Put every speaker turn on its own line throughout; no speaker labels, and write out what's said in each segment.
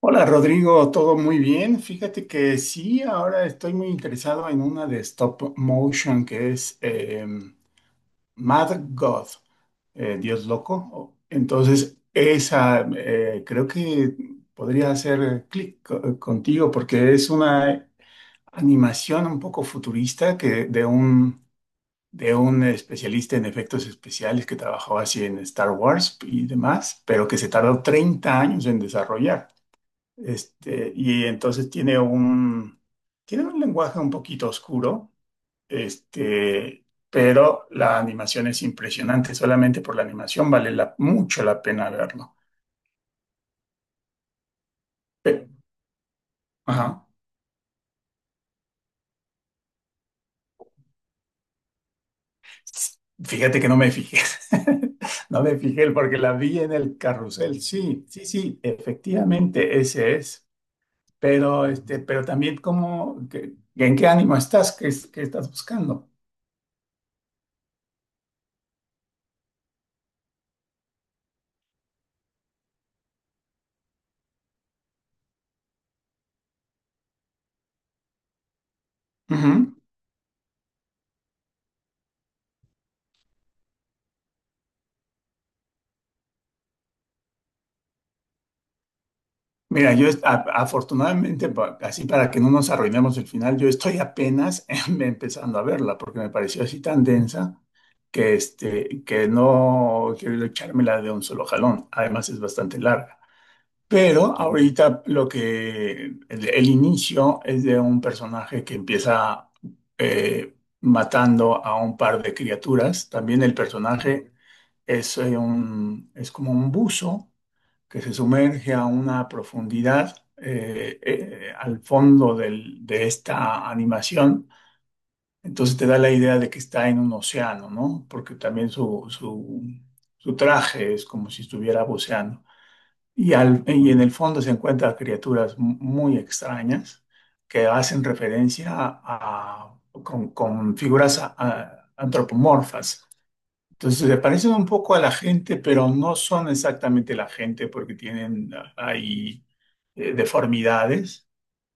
Hola Rodrigo, todo muy bien. Fíjate que sí, ahora estoy muy interesado en una de stop motion que es Mad God, Dios loco. Entonces, esa creo que podría hacer clic contigo porque es una animación un poco futurista que de un especialista en efectos especiales que trabajó así en Star Wars y demás, pero que se tardó 30 años en desarrollar. Este, y entonces tiene un lenguaje un poquito oscuro, este, pero la animación es impresionante. Solamente por la animación mucho la pena verlo. Pe- ajá. Fíjate que no me fijé. No me fijé porque la vi en el carrusel. Sí, sí, sí, efectivamente, ese es. Pero, este, pero también como, ¿en qué ánimo estás? ¿Qué, qué estás buscando? Ujú. Mira, afortunadamente, así para que no nos arruinemos el final, yo estoy apenas empezando a verla porque me pareció así tan densa que, este, que no quiero echármela de un solo jalón. Además es bastante larga. Pero ahorita lo que el inicio es de un personaje que empieza eh, matando a un par de criaturas. También el personaje es, es como un buzo que se sumerge a una profundidad al fondo de esta animación. Entonces te da la idea de que está en un océano, ¿no? Porque también su traje es como si estuviera buceando. Y en el fondo se encuentran criaturas muy extrañas que hacen referencia con figuras antropomorfas. Entonces se parecen un poco a la gente, pero no son exactamente la gente porque tienen ahí deformidades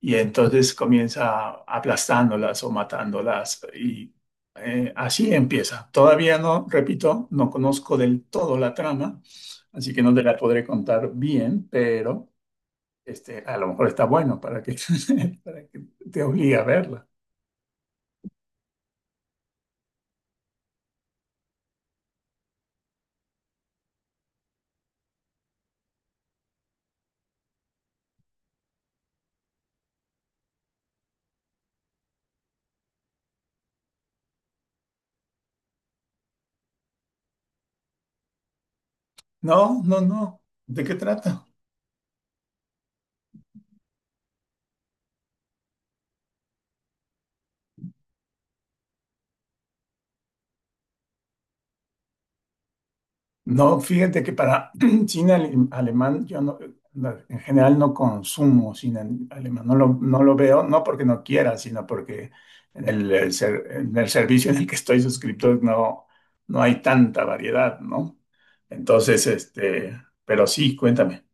y entonces comienza aplastándolas o matándolas y así empieza. Todavía no, repito, no conozco del todo la trama, así que no te la podré contar bien, pero este, a lo mejor está bueno para que te obligue a verla. No, no, no. ¿De qué trata? No, fíjate que para cine alemán yo no, no, en general no consumo cine alemán, no lo veo, no porque no quiera, sino porque en el, en el servicio en el que estoy suscrito no, no hay tanta variedad, ¿no? Entonces, este, pero sí, cuéntame.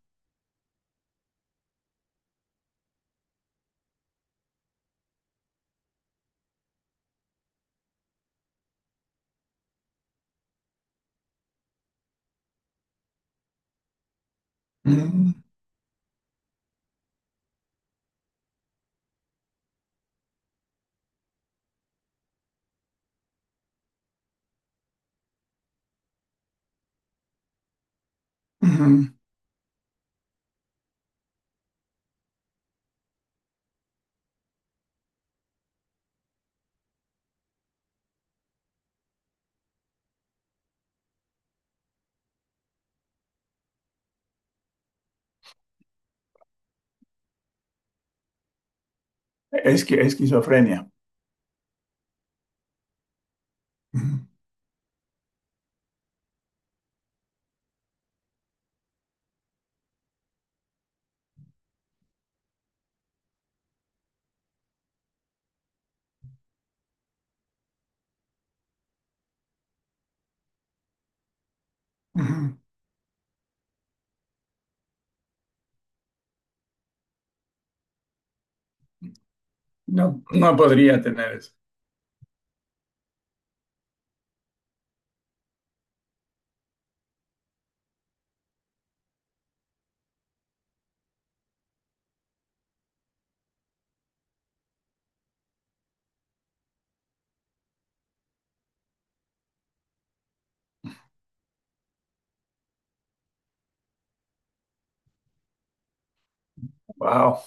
Ujú, ujú. Es que esquizofrenia. Ujú, ujú. No, no podría tener eso. Wow.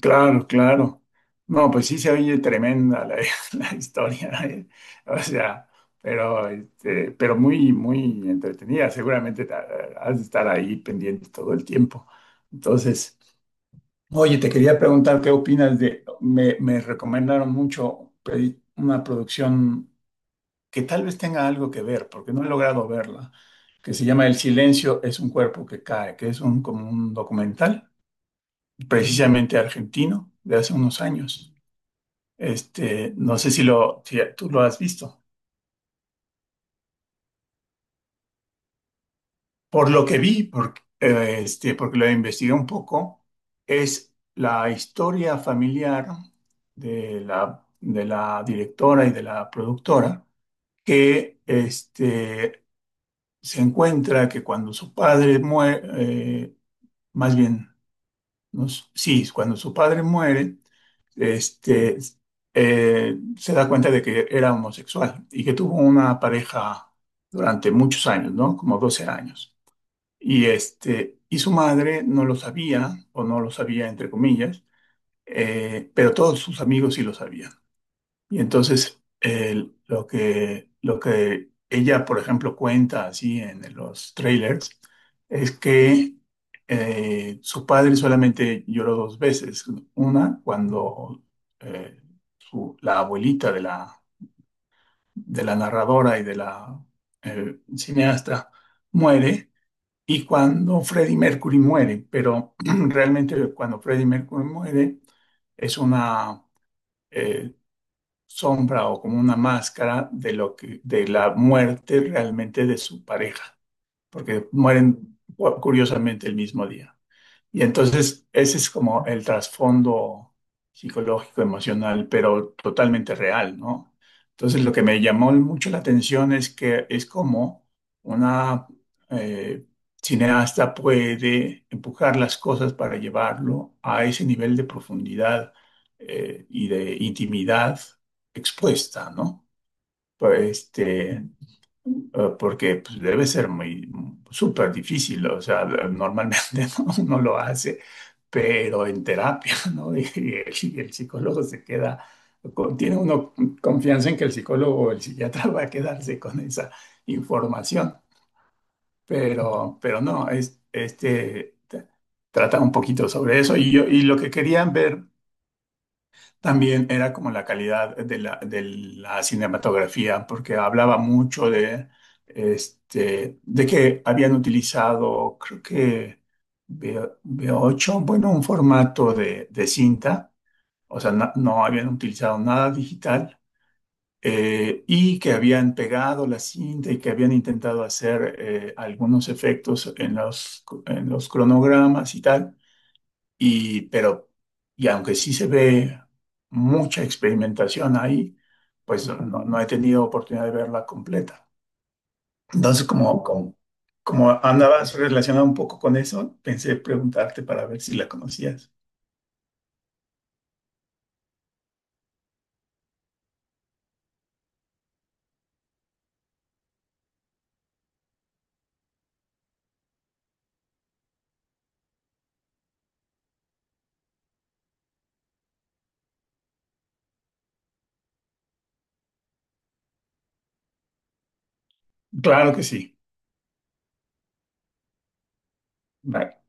Claro, claro. No, pues sí se oye tremenda la, la historia, ¿eh? O sea, pero, este, pero muy, muy entretenida. Seguramente has de estar ahí pendiente todo el tiempo. Entonces, oye, te quería preguntar qué opinas de, me recomendaron mucho pedir una producción que tal vez tenga algo que ver, porque no he logrado verla, que se llama El silencio es un cuerpo que cae, que es como un documental, precisamente argentino, de hace unos años. Este, no sé si tú lo has visto. Por lo que vi, porque, este, porque lo investigué un poco, es la historia familiar de la directora y de la productora, que este, se encuentra que cuando su padre muere, más bien sí, cuando su padre muere, este, se da cuenta de que era homosexual y que tuvo una pareja durante muchos años, ¿no? Como 12 años. Y, este, y su madre no lo sabía, o no lo sabía entre comillas, pero todos sus amigos sí lo sabían. Y entonces, lo que ella, por ejemplo, cuenta así en los trailers, es que su padre solamente lloró dos veces. Una, cuando eh, la abuelita de la narradora y de la cineasta muere, y cuando Freddie Mercury muere. Pero realmente cuando Freddie Mercury muere, es una... eh, sombra o como una máscara de lo que, de la muerte realmente de su pareja, porque mueren curiosamente el mismo día. Y entonces ese es como el trasfondo psicológico, emocional, pero totalmente real, ¿no? Entonces lo que me llamó mucho la atención es que es como una eh, cineasta puede empujar las cosas para llevarlo a ese nivel de profundidad y de intimidad expuesta, ¿no? Pues, este, porque pues, debe ser muy súper difícil, o sea, normalmente no lo hace, pero en terapia, ¿no? Y el psicólogo se queda, tiene uno confianza en que el psicólogo o el psiquiatra va a quedarse con esa información, pero no, es, trata un poquito sobre eso y yo, y lo que querían ver también era como la calidad de la cinematografía, porque hablaba mucho de, este, de que habían utilizado, creo que V8, bueno, un formato de cinta, o sea, no, no habían utilizado nada digital, y que habían pegado la cinta y que habían intentado hacer algunos efectos en los cronogramas y tal y, pero, y aunque sí se ve mucha experimentación ahí, pues no, no he tenido oportunidad de verla completa. Entonces, como andabas relacionado un poco con eso, pensé preguntarte para ver si la conocías. Claro que sí. Vale.